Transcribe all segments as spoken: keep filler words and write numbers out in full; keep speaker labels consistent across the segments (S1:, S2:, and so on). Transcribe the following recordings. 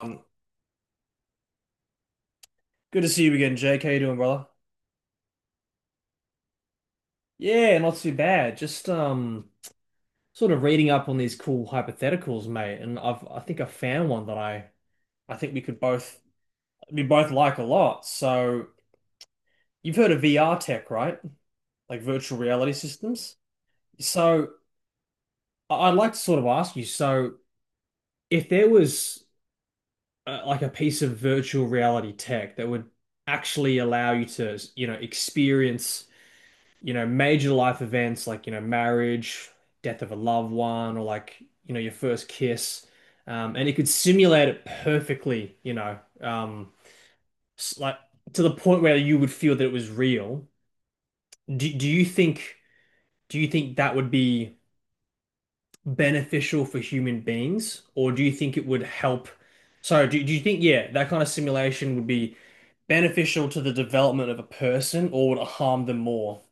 S1: Um, Good to see you again, Jake. How you doing, brother? Yeah, not too bad. Just um, sort of reading up on these cool hypotheticals, mate. And I've I think I found one that I I think we could both we both like a lot. So you've heard of V R tech, right? Like virtual reality systems. So I- I'd like to sort of ask you. So if there was uh, like a piece of virtual reality tech that would actually allow you to, you know, experience you know, major life events like, you know, marriage, death of a loved one, or like, you know, your first kiss. Um, and it could simulate it perfectly, you know, um, s- like to the point where you would feel that it was real. Do, do you think, do you think that would be beneficial for human beings, or do you think it would help? So do, do you think, yeah, that kind of simulation would be beneficial to the development of a person, or would it harm them more?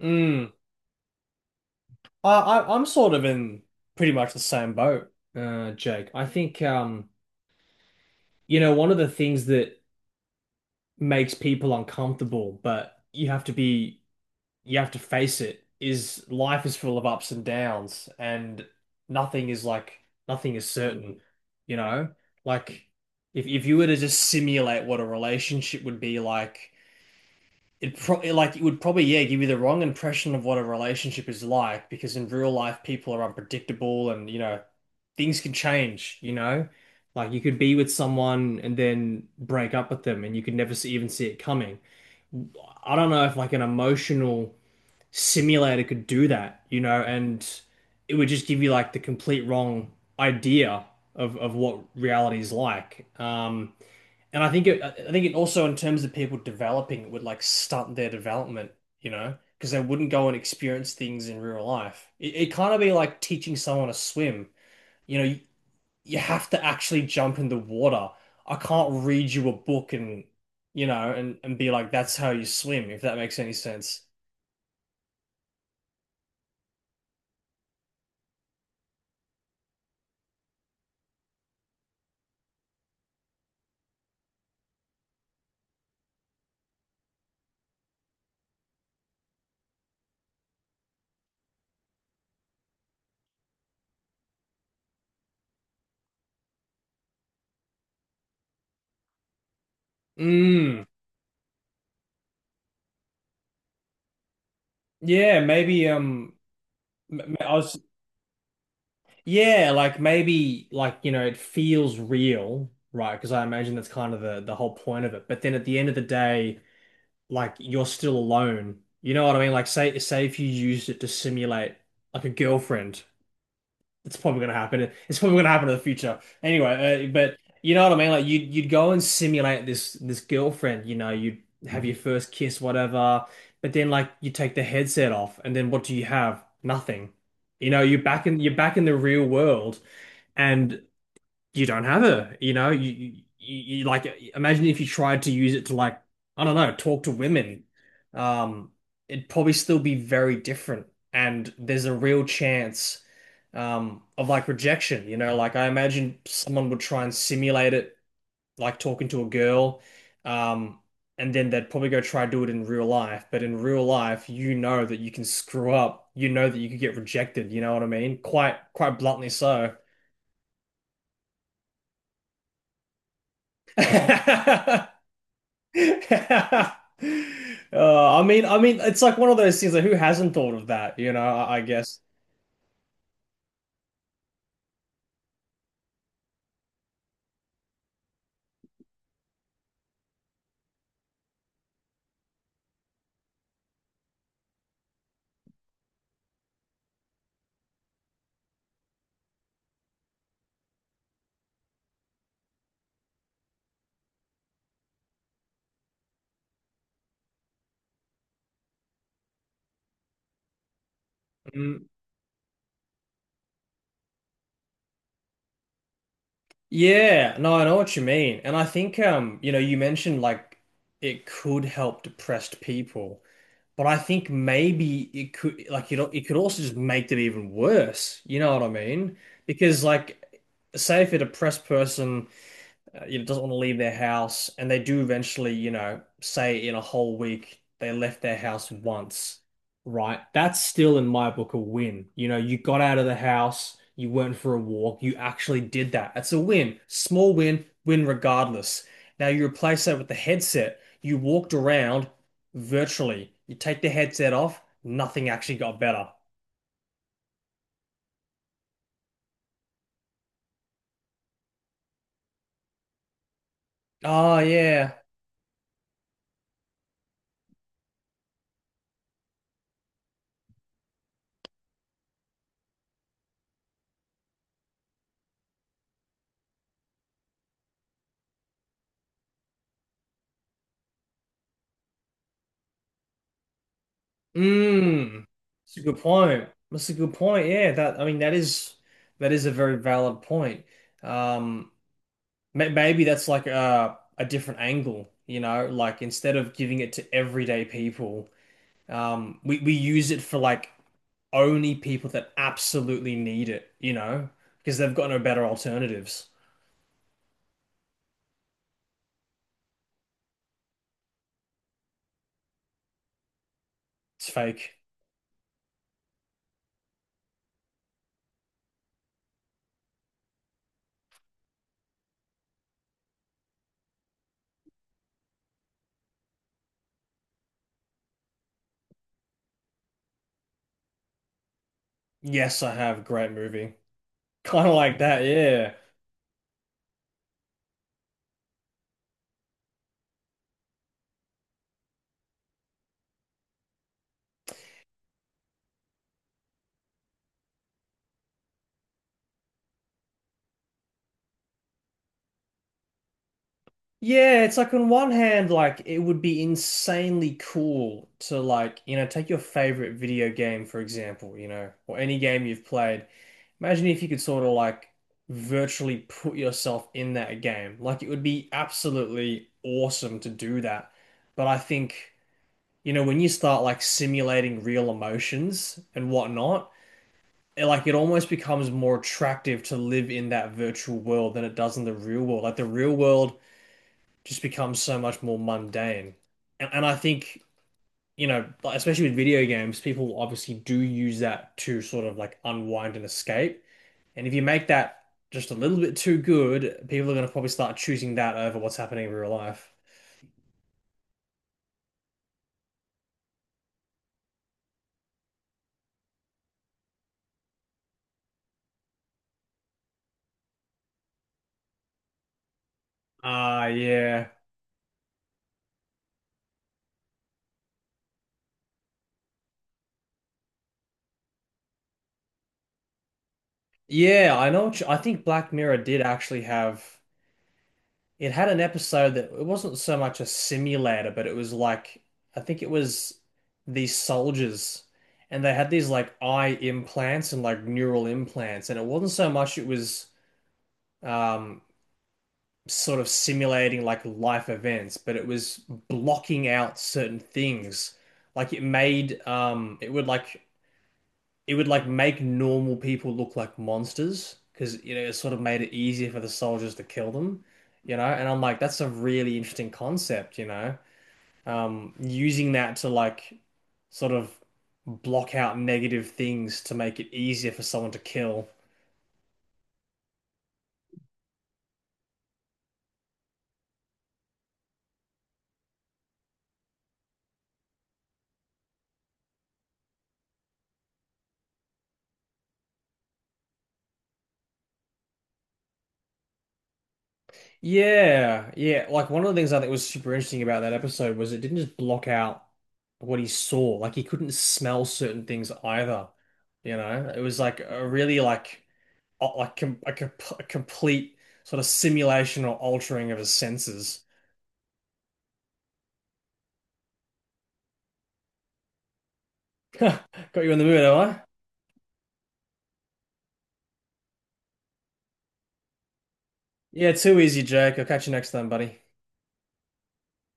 S1: Hmm. I, I I'm sort of in pretty much the same boat, uh, Jake. I think um, you know, one of the things that makes people uncomfortable, but you have to be you have to face it, is life is full of ups and downs, and nothing is like nothing is certain, you know? Like if if you were to just simulate what a relationship would be like, it probably like it would probably, yeah, give you the wrong impression of what a relationship is like, because in real life people are unpredictable, and, you know, things can change, you know, like you could be with someone and then break up with them and you could never see, even see it coming. I don't know if like an emotional simulator could do that, you know. And it would just give you like the complete wrong idea of of what reality is like. Um and I think it, I think it also in terms of people developing, it would like stunt their development, you know, because they wouldn't go and experience things in real life. It, it kind of be like teaching someone to swim. You know, you, you have to actually jump in the water. I can't read you a book and, you know, and, and be like, that's how you swim, if that makes any sense. Mm. Yeah, maybe um m- m- I was— Yeah, like maybe, like, you know, it feels real, right? Because I imagine that's kind of the the whole point of it. But then at the end of the day, like you're still alone. You know what I mean? Like say say if you used it to simulate like a girlfriend, it's probably gonna happen. It's probably gonna happen in the future. Anyway, uh, but you know what I mean? Like you'd you'd go and simulate this this girlfriend. You know, you'd have your first kiss, whatever. But then like you take the headset off, and then what do you have? Nothing. You know, you're back in you're back in the real world, and you don't have her. You know, you, you you like— imagine if you tried to use it to like, I don't know, talk to women. Um, It'd probably still be very different, and there's a real chance um of like rejection. You know, like I imagine someone would try and simulate it, like talking to a girl, um. And then they'd probably go try to do it in real life. But in real life, you know that you can screw up. You know that you could get rejected. You know what I mean? Quite, quite bluntly so. Uh, I mean, I mean, it's like one of those things. Like, who hasn't thought of that? You know, I, I guess. Mm, yeah, no, I know what you mean, and I think, um, you know, you mentioned like it could help depressed people, but I think maybe it could, like, you know, it could also just make them even worse. You know what I mean? Because, like, say if a depressed person uh, you know, doesn't want to leave their house, and they do eventually, you know, say in a whole week they left their house once, right? That's still in my book a win. You know, you got out of the house, you went for a walk, you actually did that. That's a win. Small win, win regardless. Now you replace that with the headset. You walked around virtually. You take the headset off, nothing actually got better. Oh yeah. Mm, that's a good point. That's a good point. Yeah, that I mean that is— that is a very valid point. Um, ma- Maybe that's like a a different angle, you know, like instead of giving it to everyday people, um, we we use it for like only people that absolutely need it, you know, because they've got no better alternatives. It's fake. Yes, I have. Great movie. Kind of like that. Yeah. Yeah, it's like on one hand, like it would be insanely cool to like, you know, take your favorite video game, for example, you know, or any game you've played. Imagine if you could sort of like virtually put yourself in that game. Like it would be absolutely awesome to do that. But I think, you know, when you start like simulating real emotions and whatnot, it, like it almost becomes more attractive to live in that virtual world than it does in the real world. Like the real world just becomes so much more mundane. And, and I think, you know, like, especially with video games, people obviously do use that to sort of like unwind and escape. And if you make that just a little bit too good, people are going to probably start choosing that over what's happening in real life. Ah, yeah. Yeah, I know what you— I think Black Mirror did actually have— it had an episode that it wasn't so much a simulator, but it was like— I think it was these soldiers, and they had these like eye implants and like neural implants, and it wasn't so much— it was um sort of simulating like life events, but it was blocking out certain things. Like it made um it would like— it would like make normal people look like monsters, because you know it sort of made it easier for the soldiers to kill them, you know. And I'm like, that's a really interesting concept, you know. Um, using that to like sort of block out negative things to make it easier for someone to kill. Yeah, yeah. Like one of the things I think was super interesting about that episode was it didn't just block out what he saw. Like he couldn't smell certain things either. You know, it was like a really like uh, like com a, com a complete sort of simulation or altering of his senses. Got you in the mood, am I? Yeah, too easy, Jake. I'll catch you next time, buddy.